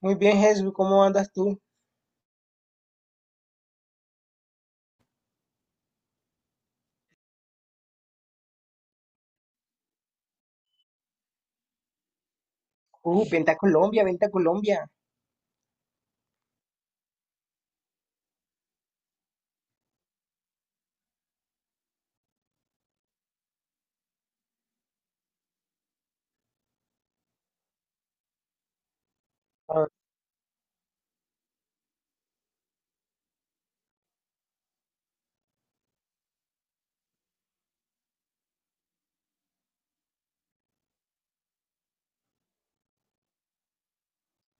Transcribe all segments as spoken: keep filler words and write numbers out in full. Muy bien, Jesús, ¿cómo andas tú? Uh, vente a Colombia, vente a Colombia. Ah,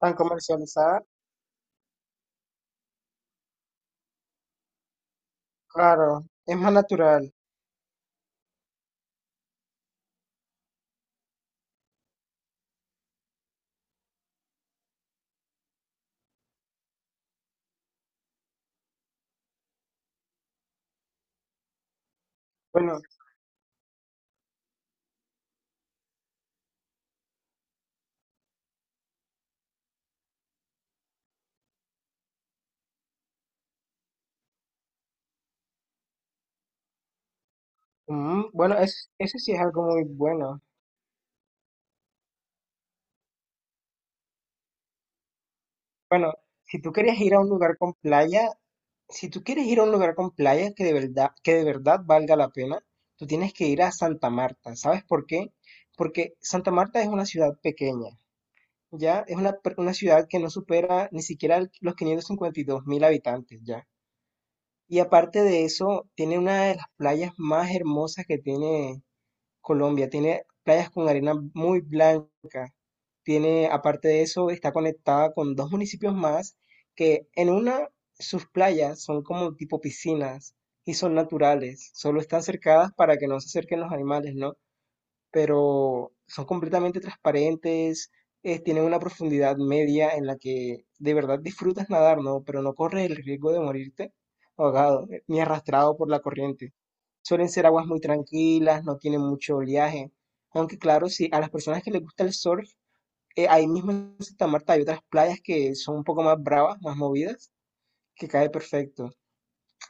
tan comercializada, claro, es más natural. Bueno, mm, bueno, es- eso sí es algo muy bueno. Bueno, si tú quieres ir a un lugar con playa, si tú quieres ir a un lugar con playa que de verdad, que de verdad valga la pena, tú tienes que ir a Santa Marta. ¿Sabes por qué? Porque Santa Marta es una ciudad pequeña, ¿ya? Es una, per- una ciudad que no supera ni siquiera el- los quinientos cincuenta y dos mil habitantes, ¿ya? Y aparte de eso, tiene una de las playas más hermosas que tiene Colombia. Tiene playas con arena muy blanca. Tiene, aparte de eso, está conectada con dos municipios más que en una sus playas son como tipo piscinas y son naturales. Solo están cercadas para que no se acerquen los animales, ¿no? Pero son completamente transparentes. Eh, tienen una profundidad media en la que de verdad disfrutas nadar, ¿no? Pero no corres el riesgo de morirte ahogado, eh, ni arrastrado por la corriente. Suelen ser aguas muy tranquilas, no tienen mucho oleaje. Aunque claro, si a las personas que les gusta el surf, eh, ahí mismo en Santa Marta hay otras playas que son un poco más bravas, más movidas, que cae perfecto.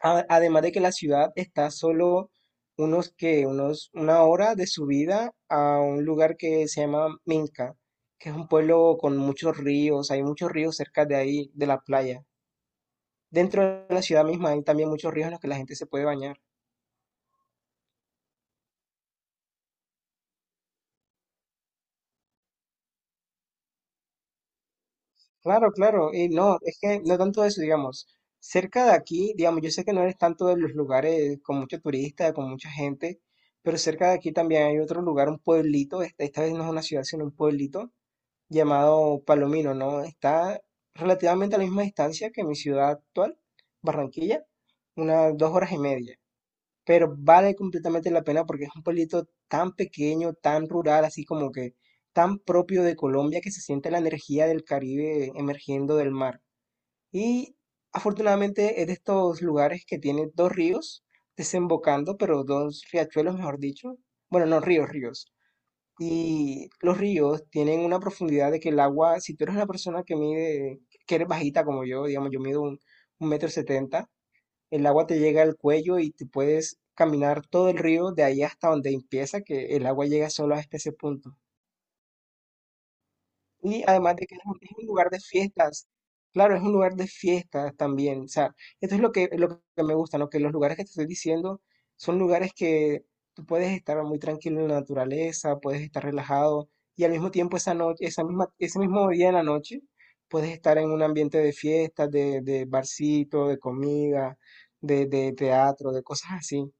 A- Además de que la ciudad está solo unos que unos una hora de subida a un lugar que se llama Minca, que es un pueblo con muchos ríos, hay muchos ríos cerca de ahí, de la playa. Dentro de la ciudad misma hay también muchos ríos en los que la gente se puede bañar. Claro, claro, y no, es que no tanto eso, digamos, cerca de aquí, digamos, yo sé que no eres tanto de los lugares con mucho turista, con mucha gente, pero cerca de aquí también hay otro lugar, un pueblito, esta esta vez no es una ciudad, sino un pueblito llamado Palomino, ¿no? Está relativamente a la misma distancia que mi ciudad actual, Barranquilla, unas dos horas y media. Pero vale completamente la pena porque es un pueblito tan pequeño, tan rural, así como que tan propio de Colombia que se siente la energía del Caribe emergiendo del mar. Y afortunadamente es de estos lugares que tiene dos ríos desembocando, pero dos riachuelos, mejor dicho. Bueno, no ríos, ríos. Y los ríos tienen una profundidad de que el agua, si tú eres una persona que mide, que eres bajita como yo, digamos, yo mido un, un metro setenta, el agua te llega al cuello y te puedes caminar todo el río de ahí hasta donde empieza, que el agua llega solo hasta ese punto. Y además de que es un, es un lugar de fiestas. Claro, es un lugar de fiestas también. O sea, esto es lo que, lo que me gusta, ¿no? Que los lugares que te estoy diciendo son lugares que tú puedes estar muy tranquilo en la naturaleza, puedes estar relajado y al mismo tiempo esa noche, esa misma, ese mismo día en la noche, puedes estar en un ambiente de fiestas, de, de barcito, de comida, de, de teatro, de cosas así.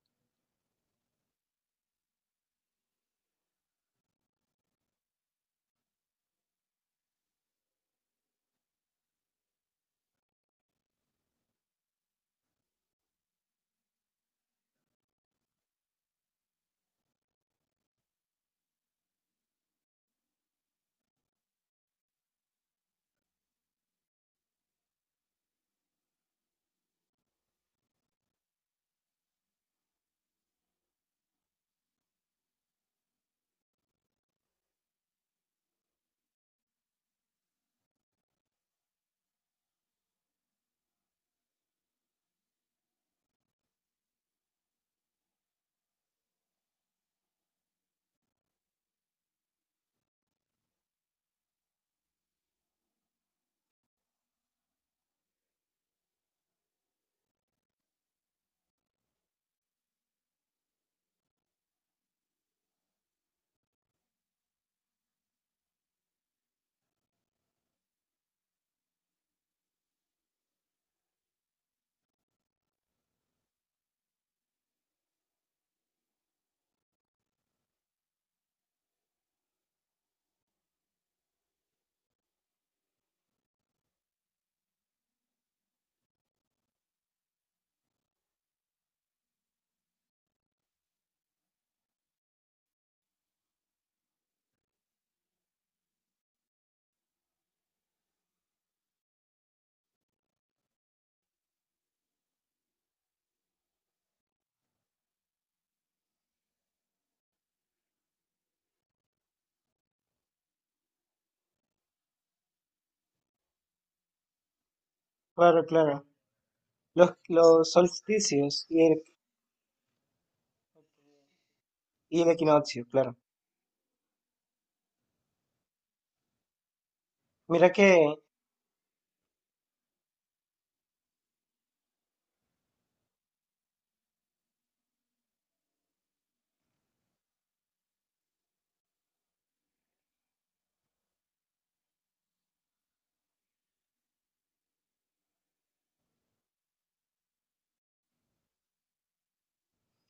Claro, claro. Los, los solsticios y el, y el equinoccio, claro. Mira que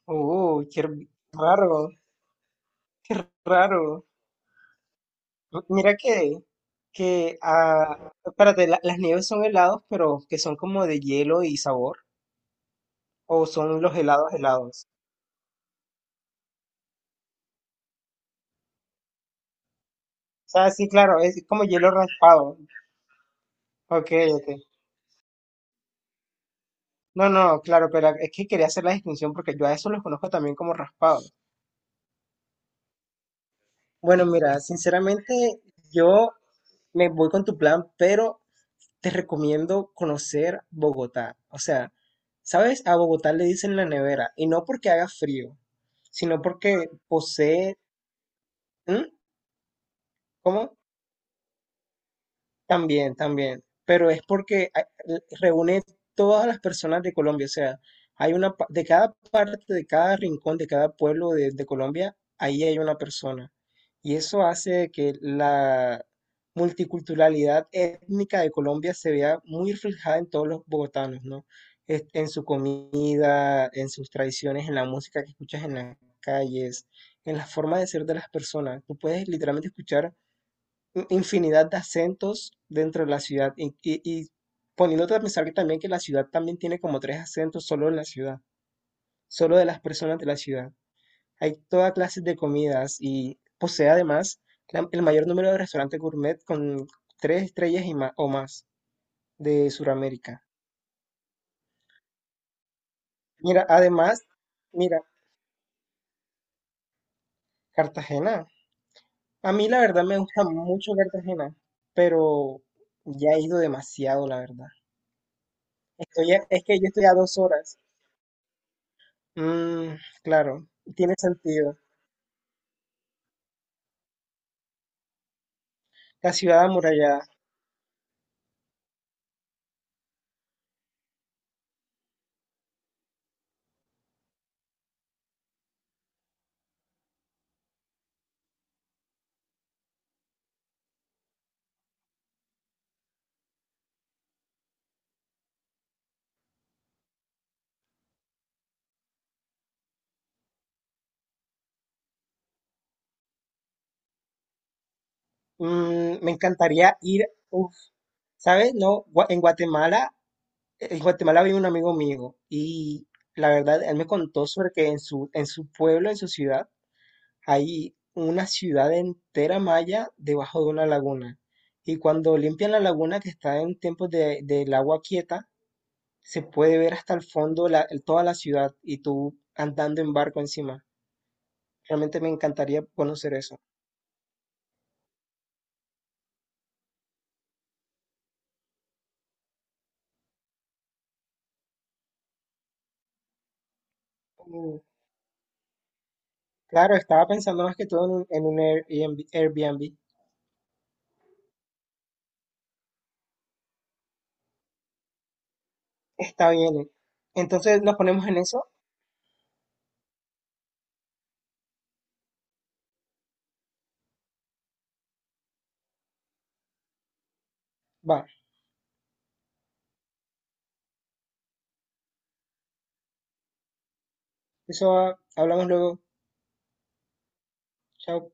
Oh, qué r- raro, qué raro. Mira que, que, ah, Espérate, la- las nieves son helados, pero que son como de hielo y sabor, o son los helados helados. O sea, sí, claro, es como hielo raspado. Ok, ok. No, no, claro, pero es que quería hacer la distinción porque yo a eso los conozco también como raspados. Bueno, mira, sinceramente, yo me voy con tu plan, pero te recomiendo conocer Bogotá. O sea, ¿sabes? A Bogotá le dicen la nevera, y no porque haga frío, sino porque posee... ¿Mm? ¿Cómo? También, también, pero es porque hay- reúne todas las personas de Colombia, o sea, hay una, pa- de cada parte, de cada rincón, de cada pueblo de, de Colombia, ahí hay una persona. Y eso hace que la multiculturalidad étnica de Colombia se vea muy reflejada en todos los bogotanos, ¿no? Es- En su comida, en sus tradiciones, en la música que escuchas en las calles, en la forma de ser de las personas. Tú puedes literalmente escuchar infinidad de acentos dentro de la ciudad y, y- y poniéndote a pensar que también que la ciudad también tiene como tres acentos solo en la ciudad, solo de las personas de la ciudad. Hay toda clase de comidas y posee además la- el mayor número de restaurantes gourmet con tres estrellas y ma- o más de Sudamérica. Mira, además, mira, Cartagena. A mí la verdad me gusta mucho Cartagena, pero ya he ido demasiado, la verdad. Estoy a- es que yo estoy a dos horas. Mm, claro, tiene sentido. La ciudad amurallada. Mm, me encantaría ir, uf, ¿sabes? No, Gua- en Guatemala, en Guatemala vive un amigo mío y la verdad, él me contó sobre que en su, en su pueblo, en su ciudad, hay una ciudad entera maya debajo de una laguna. Y cuando limpian la laguna, que está en tiempos de, del agua quieta, se puede ver hasta el fondo la- toda la ciudad y tú andando en barco encima. Realmente me encantaría conocer eso. Mm, Claro, estaba pensando más que todo en un, en un Airbnb, Airbnb. Está bien. eh. Entonces nos ponemos en eso. Va, eso va. Hablamos luego. Chao.